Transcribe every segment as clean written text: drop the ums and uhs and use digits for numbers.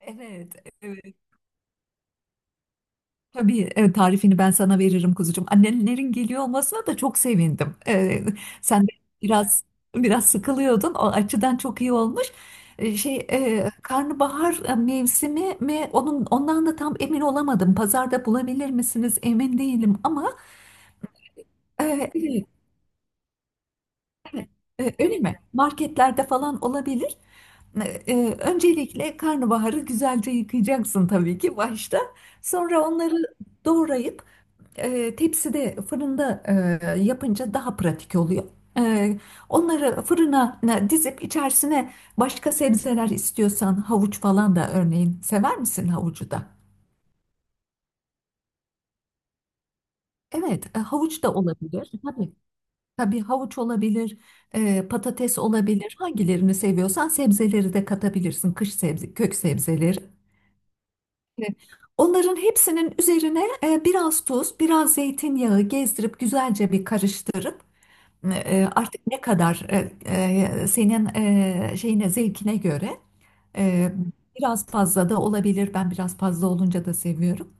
Evet, evet. Tabii evet, tarifini ben sana veririm kuzucuğum. Annelerin geliyor olmasına da çok sevindim. Sen de biraz biraz sıkılıyordun. O açıdan çok iyi olmuş. Şey karnabahar mevsimi mi? Ondan da tam emin olamadım. Pazarda bulabilir misiniz? Emin değilim ama e, evet, öyle mi? Marketlerde falan olabilir. Öncelikle karnabaharı güzelce yıkayacaksın tabii ki başta. Sonra onları doğrayıp tepside fırında yapınca daha pratik oluyor. E, onları fırına dizip içerisine başka sebzeler istiyorsan havuç falan da, örneğin, sever misin havucu da? Evet, havuç da olabilir. Tabii, tabii havuç olabilir, patates olabilir. Hangilerini seviyorsan sebzeleri de katabilirsin. Kış sebze, kök sebzeleri. E, Onların hepsinin üzerine biraz tuz, biraz zeytinyağı gezdirip güzelce bir karıştırıp, artık ne kadar, senin şeyine, zevkine göre, e, biraz fazla da olabilir. Ben biraz fazla olunca da seviyorum.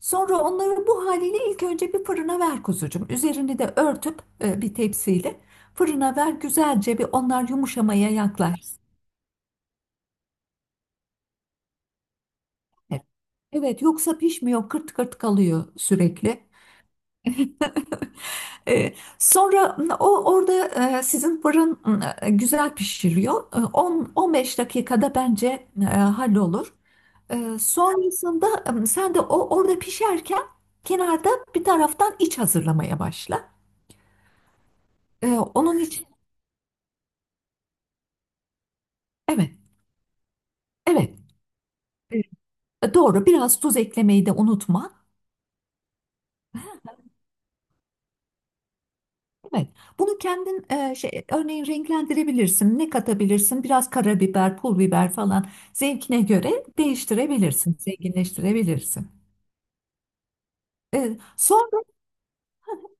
Sonra onları bu haliyle ilk önce bir fırına ver kuzucuğum. Üzerini de örtüp bir tepsiyle fırına ver, güzelce bir onlar yumuşamaya yaklaşsın. Evet, yoksa pişmiyor, kırt kırt kalıyor sürekli. Sonra o orada, sizin fırın güzel pişiriyor. 10-15 dakikada bence hallolur. Sonrasında sen de o orada pişerken, kenarda bir taraftan iç hazırlamaya başla. E, onun için, evet, evet. Doğru, biraz tuz eklemeyi de unutma. Evet. Bunu kendin şey, örneğin, renklendirebilirsin. Ne katabilirsin? Biraz karabiber, pul biber falan, zevkine göre değiştirebilirsin, zenginleştirebilirsin. Sonra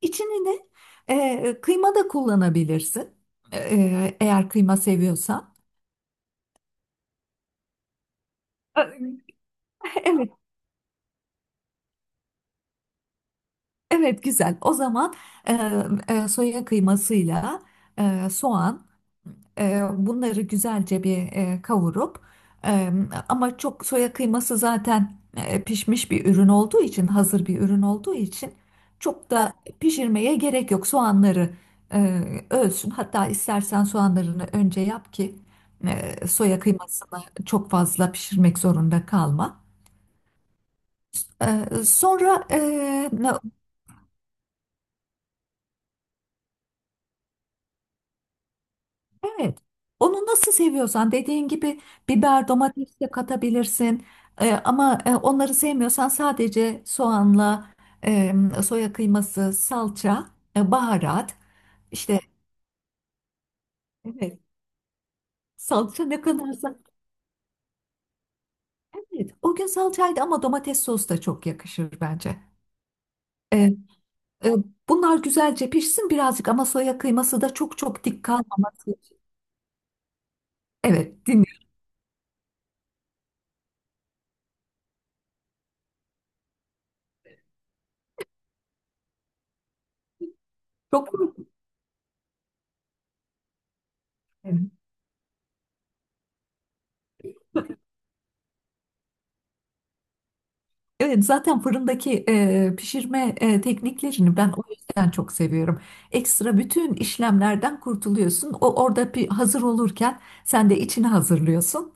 içini de, kıyma da kullanabilirsin. Eğer kıyma seviyorsan. E, Evet, evet, güzel. O zaman e, soya kıymasıyla, soğan. Bunları güzelce bir kavurup, e, ama çok, soya kıyması zaten pişmiş bir ürün olduğu için, hazır bir ürün olduğu için çok da pişirmeye gerek yok. Soğanları e, ölsün. Hatta istersen soğanlarını önce yap ki soya kıymasını çok fazla pişirmek zorunda kalma. E, sonra. Evet. Onu nasıl seviyorsan, dediğin gibi biber, domates de katabilirsin. Ama onları sevmiyorsan, sadece soğanla, e, soya kıyması, salça, baharat işte. Evet, salça ne kadarsa. Evet, o gün salçaydı ama domates sosu da çok yakışır bence. Ee, e, bunlar güzelce pişsin birazcık, ama soya kıyması da çok çok dik kalmaması. Evet, dinliyorum. Çok mu? Evet, zaten fırındaki pişirme tekniklerini ben o yüzden çok seviyorum. Ekstra bütün işlemlerden kurtuluyorsun. O orada bir hazır olurken, sen de içini hazırlıyorsun.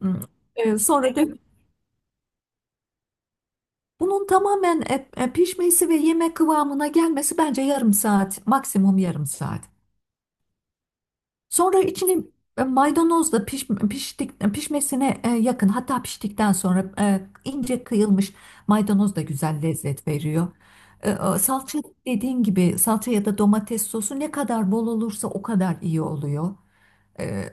Hmm. Sonra da bunun tamamen pişmesi ve yemek kıvamına gelmesi bence yarım saat, maksimum yarım saat. Sonra içine maydanozla pişmesine yakın, hatta piştikten sonra ince kıyılmış maydanoz da güzel lezzet veriyor. Salça, dediğin gibi, salça ya da domates sosu ne kadar bol olursa o kadar iyi oluyor. E,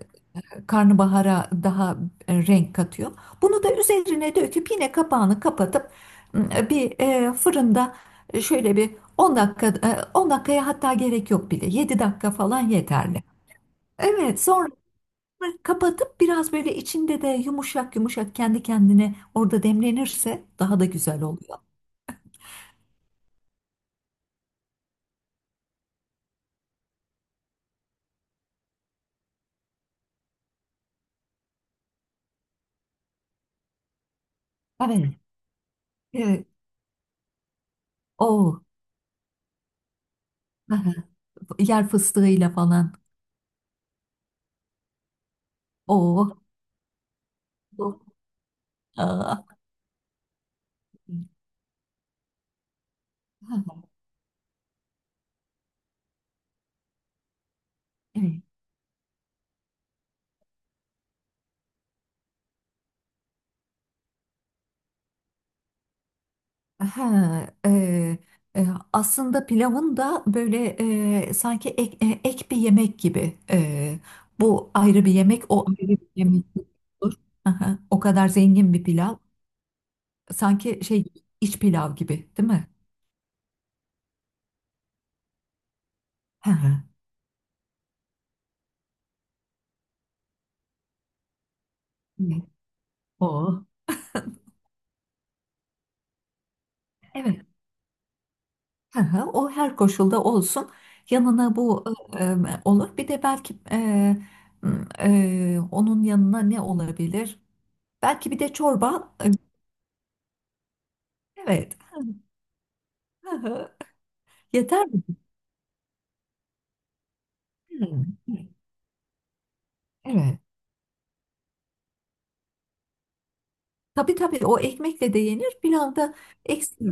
karnabahara daha renk katıyor. Bunu da üzerine döküp yine kapağını kapatıp bir fırında şöyle bir 10 dakika, 10 dakikaya, hatta gerek yok bile, 7 dakika falan yeterli. Evet, sonra bunları kapatıp, biraz böyle içinde de yumuşak yumuşak kendi kendine orada demlenirse daha da güzel oluyor. Evet. Evet. O, yer fıstığıyla falan. O. Evet. Ha, e, aslında pilavın da böyle, sanki ek bir yemek gibi. Bu ayrı bir yemek, o ayrı bir yemek olur. Aha, o kadar zengin bir pilav. Sanki şey, iç pilav gibi, değil mi? Hı hı. O, evet. Hı hı. O her koşulda olsun. Yanına bu olur. Bir de belki, onun yanına ne olabilir? Belki bir de çorba. Evet. Hı hı. Yeter mi? Hı. Evet. Tabii tabii, o ekmekle de yenir. Pilav da ekstra.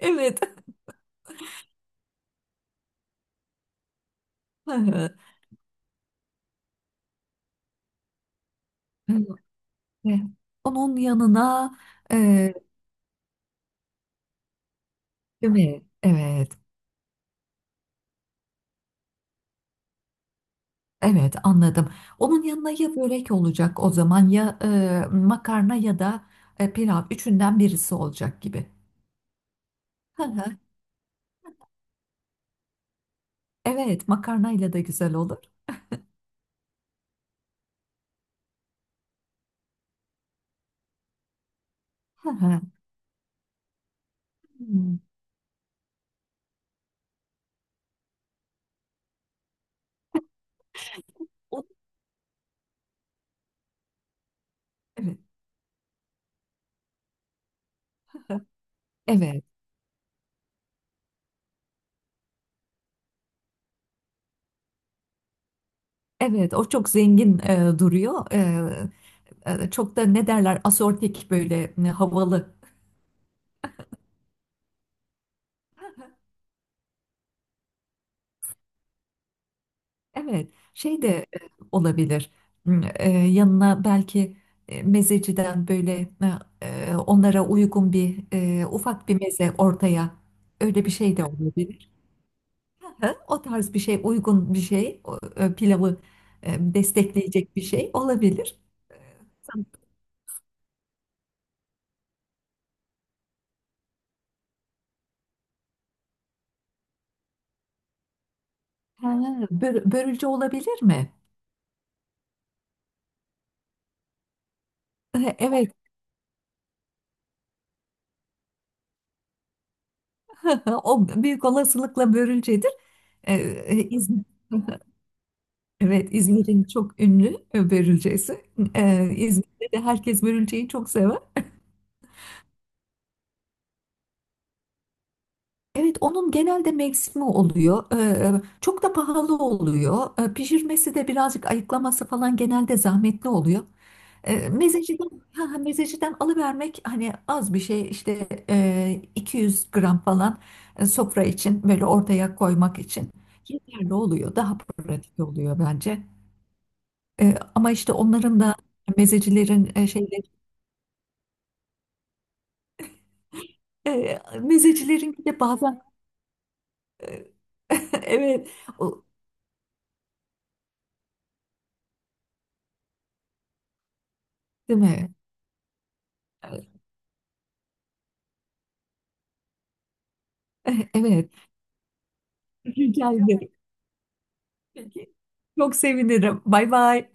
Evet. Hı hı. E, Onun yanına, e, değil mi? Evet. Evet, anladım. Onun yanına ya börek olacak o zaman, ya makarna, ya da pilav, üçünden birisi olacak gibi. Hı hı. Evet, makarnayla da güzel olur. Hı hı. Hmm. O- Evet. Hı. Evet, evet, o çok zengin duruyor. Çok da, ne derler, asortik, böyle havalı. Evet, şey de e, olabilir. Hmm, yanına belki, mezeciden böyle, onlara uygun bir, ufak bir meze ortaya, öyle bir şey de olabilir. Hı, o tarz bir şey, uygun bir şey, o, pilavı destekleyecek bir şey olabilir. Ha, börülce olabilir mi? Evet, o büyük olasılıkla börülcedir. E, Evet, İzmir'in çok ünlü börülcesi. İzmir'de de herkes börülceyi çok sever. Evet, onun genelde mevsimi oluyor. Çok da pahalı oluyor. Pişirmesi de birazcık, ayıklaması falan genelde zahmetli oluyor. Ee, mezeciden, ha, mezeciden alıvermek, hani az bir şey işte, 200 gram falan, sofra için böyle ortaya koymak için yeterli oluyor. Daha pratik oluyor bence. Ama işte, onların da, mezecilerin şeyleri. Mezecilerin bir de bazen, e, evet, o, değil mi? Evet. Evet. Rica ederim. Peki. Çok sevinirim. Bay bay.